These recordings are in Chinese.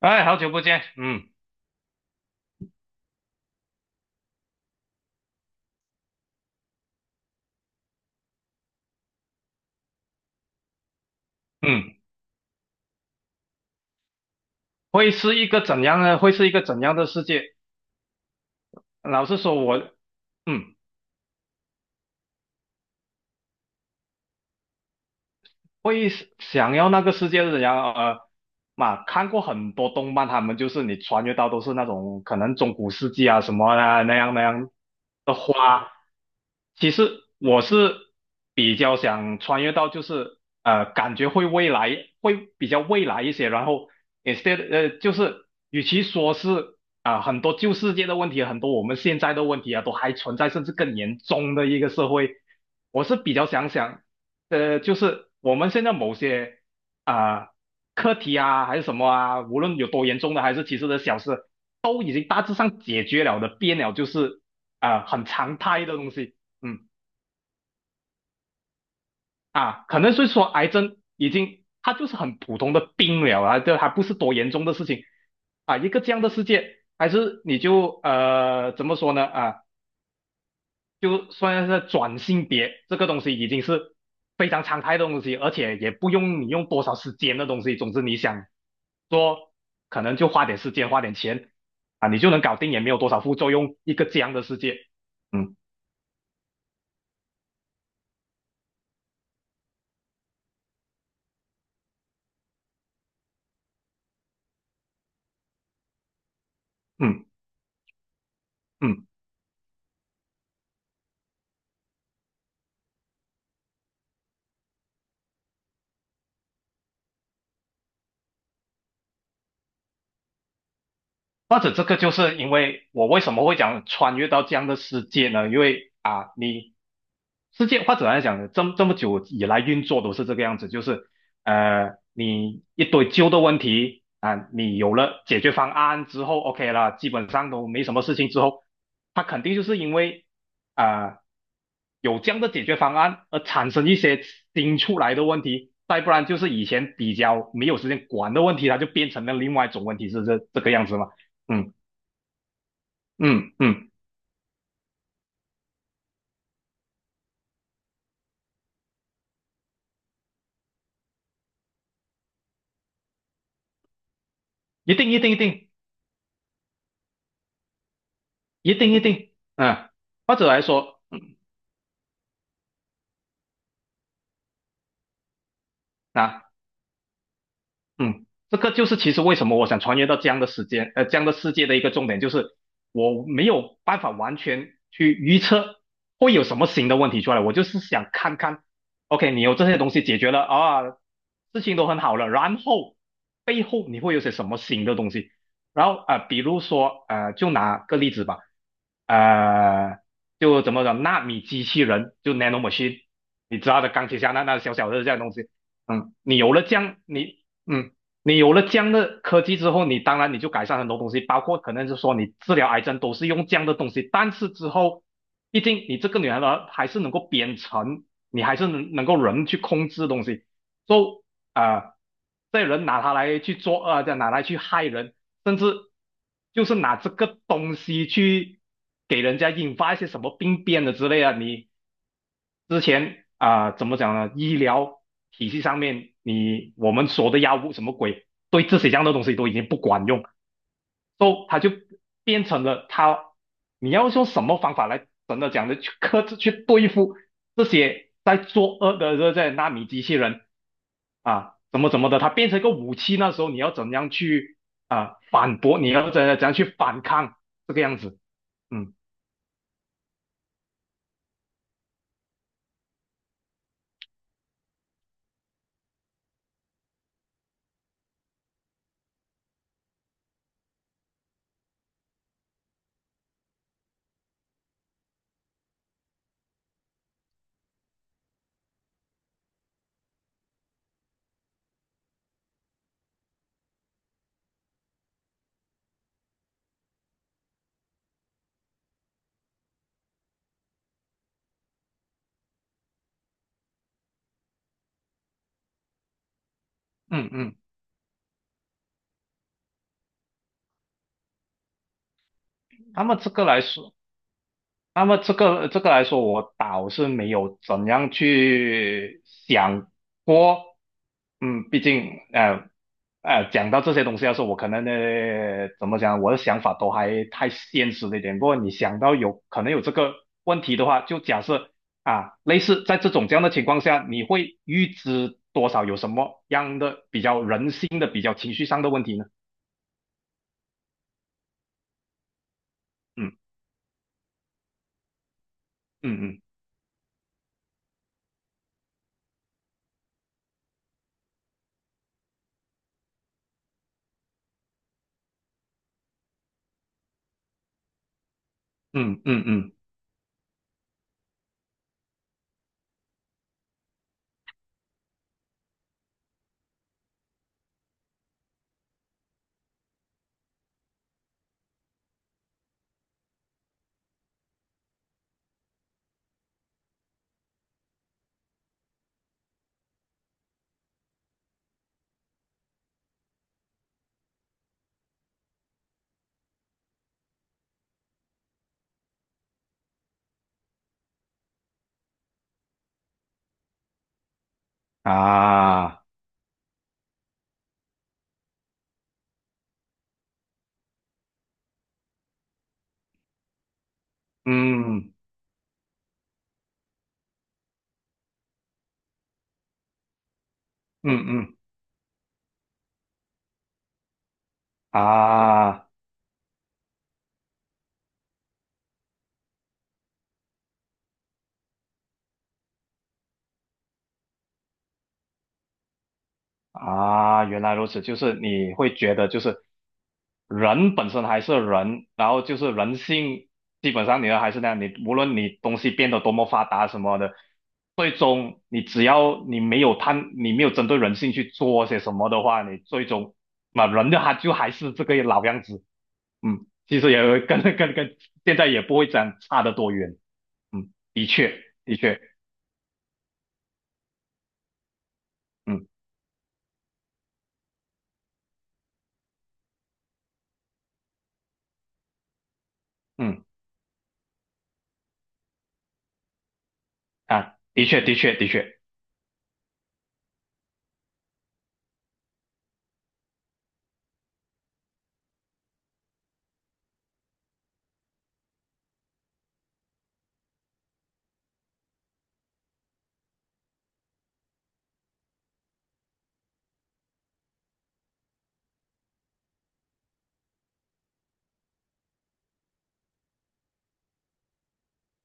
哎，好久不见。嗯嗯，会是一个怎样呢？会是一个怎样的世界？老实说我，嗯，会想要那个世界是怎样？嘛，看过很多动漫，他们就是你穿越到都是那种可能中古世纪啊什么啊那样的话，其实我是比较想穿越到就是感觉会未来会比较未来一些，然后 instead 就是与其说是啊、很多旧世界的问题，很多我们现在的问题啊都还存在，甚至更严重的一个社会，我是比较想。就是我们现在某些啊、课题啊，还是什么啊，无论有多严重的，还是其实的小事，都已经大致上解决了的，变了就是啊、很常态的东西。嗯。啊，可能是说癌症已经它就是很普通的病了啊，这还不是多严重的事情啊，一个这样的世界，还是你就怎么说呢啊？就算是转性别这个东西已经是非常常态的东西，而且也不用你用多少时间的东西。总之你想做，可能就花点时间花点钱啊，你就能搞定，也没有多少副作用，一个这样的世界。嗯嗯嗯。或者这个就是因为我为什么会讲穿越到这样的世界呢？因为啊，你世界或者来讲，这么久以来运作都是这个样子，就是你一堆旧的问题啊，你有了解决方案之后，OK 了，基本上都没什么事情之后，它肯定就是因为啊、有这样的解决方案而产生一些新出来的问题，再不然就是以前比较没有时间管的问题，它就变成了另外一种问题，是这个样子嘛。嗯嗯嗯，一定一定一定一定一定，啊，或者来说啊。嗯，这个就是其实为什么我想穿越到这样的时间，这样的世界的一个重点，就是我没有办法完全去预测会有什么新的问题出来，我就是想看看，OK,你有这些东西解决了啊，事情都很好了，然后背后你会有些什么新的东西？然后啊、比如说就拿个例子吧，呃，就怎么讲，纳米机器人，就 nano machine,你知道的，钢铁侠那小小的这样东西。嗯，你有了这样，你。嗯，你有了这样的科技之后，你当然你就改善很多东西，包括可能是说你治疗癌症都是用这样的东西。但是之后，毕竟你这个女孩呢还是能够编程，你还是能够人去控制东西，就啊，这人拿它来去做恶，拿来去害人，甚至就是拿这个东西去给人家引发一些什么病变的之类啊，你之前啊、怎么讲呢？医疗体系上面，你我们说的药物什么鬼，对这些这样的东西都已经不管用，所以它就变成了它，你要用什么方法来真的讲的去克制、去对付这些在作恶的这些纳米机器人啊，怎么的，它变成一个武器，那时候你要怎样去啊、反驳？你要怎样去啊反抗这个样子？嗯嗯嗯，那么这个来说，那么这个来说，我倒是没有怎样去想过。嗯，毕竟讲到这些东西的时候，我可能呢，怎么讲，我的想法都还太现实了一点。不过你想到有可能有这个问题的话，就假设啊，类似在这种这样的情况下，你会预知多少有什么样的比较人性的、比较情绪上的问题呢？嗯嗯嗯嗯嗯嗯啊，嗯嗯嗯。啊啊原来如此，就是你会觉得就是人本身还是人，然后就是人性，基本上你还是那样，你无论你东西变得多么发达什么的，最终你只要你没有贪，你没有针对人性去做些什么的话，你最终那人的他就还是这个老样子，嗯，其实也会跟跟跟现在也不会这样差得多远。嗯，的确的确。嗯嗯啊，的确的确的确。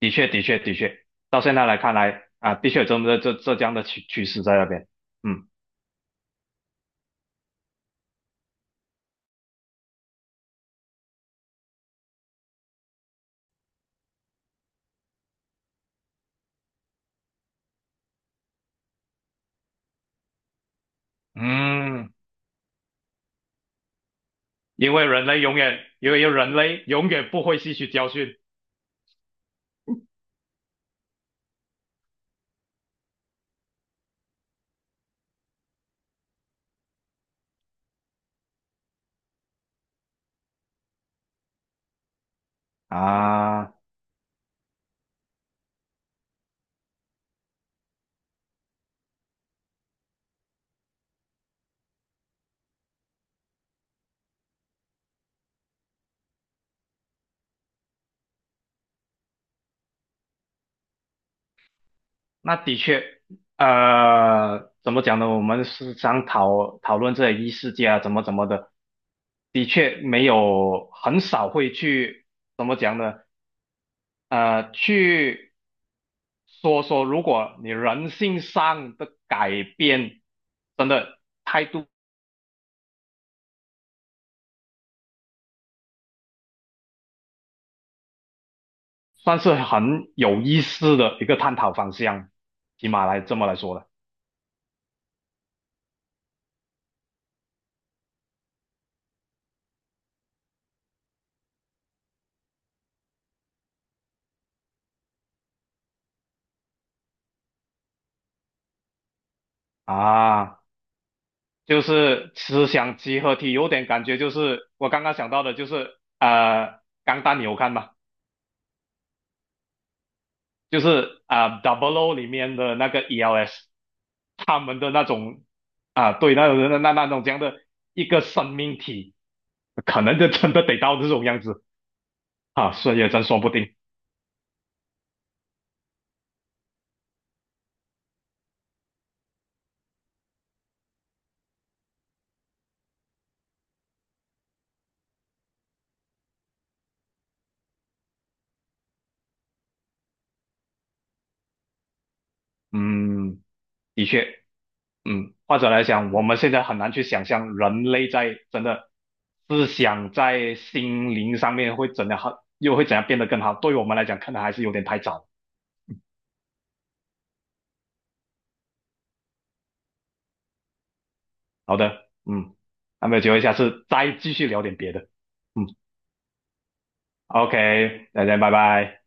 的确，的确，的确，到现在来看来啊，的确有这么这这样的趋势在那边。嗯嗯，因为人类永远，因为人类永远不会吸取教训啊，那的确，怎么讲呢？我们是常讨论这些异世界啊，怎么的，的确没有很少会去怎么讲呢？去说说，如果你人性上的改变真的态度算是很有意思的一个探讨方向，起码来这么来说的啊，就是思想集合体，有点感觉就是我刚刚想到的，就是钢弹你有看吗？就是啊，Double O 里面的那个 ELS,他们的那种啊，对，那种那种这样的一个生命体，可能就真的得到这种样子啊，所以也真说不定。嗯，的确。嗯，或者来讲，我们现在很难去想象人类在真的思想在心灵上面会怎样好，又会怎样变得更好。对于我们来讲，可能还是有点太早。好的，嗯，那么有机会下次再继续聊点别的。嗯，OK,大家拜拜。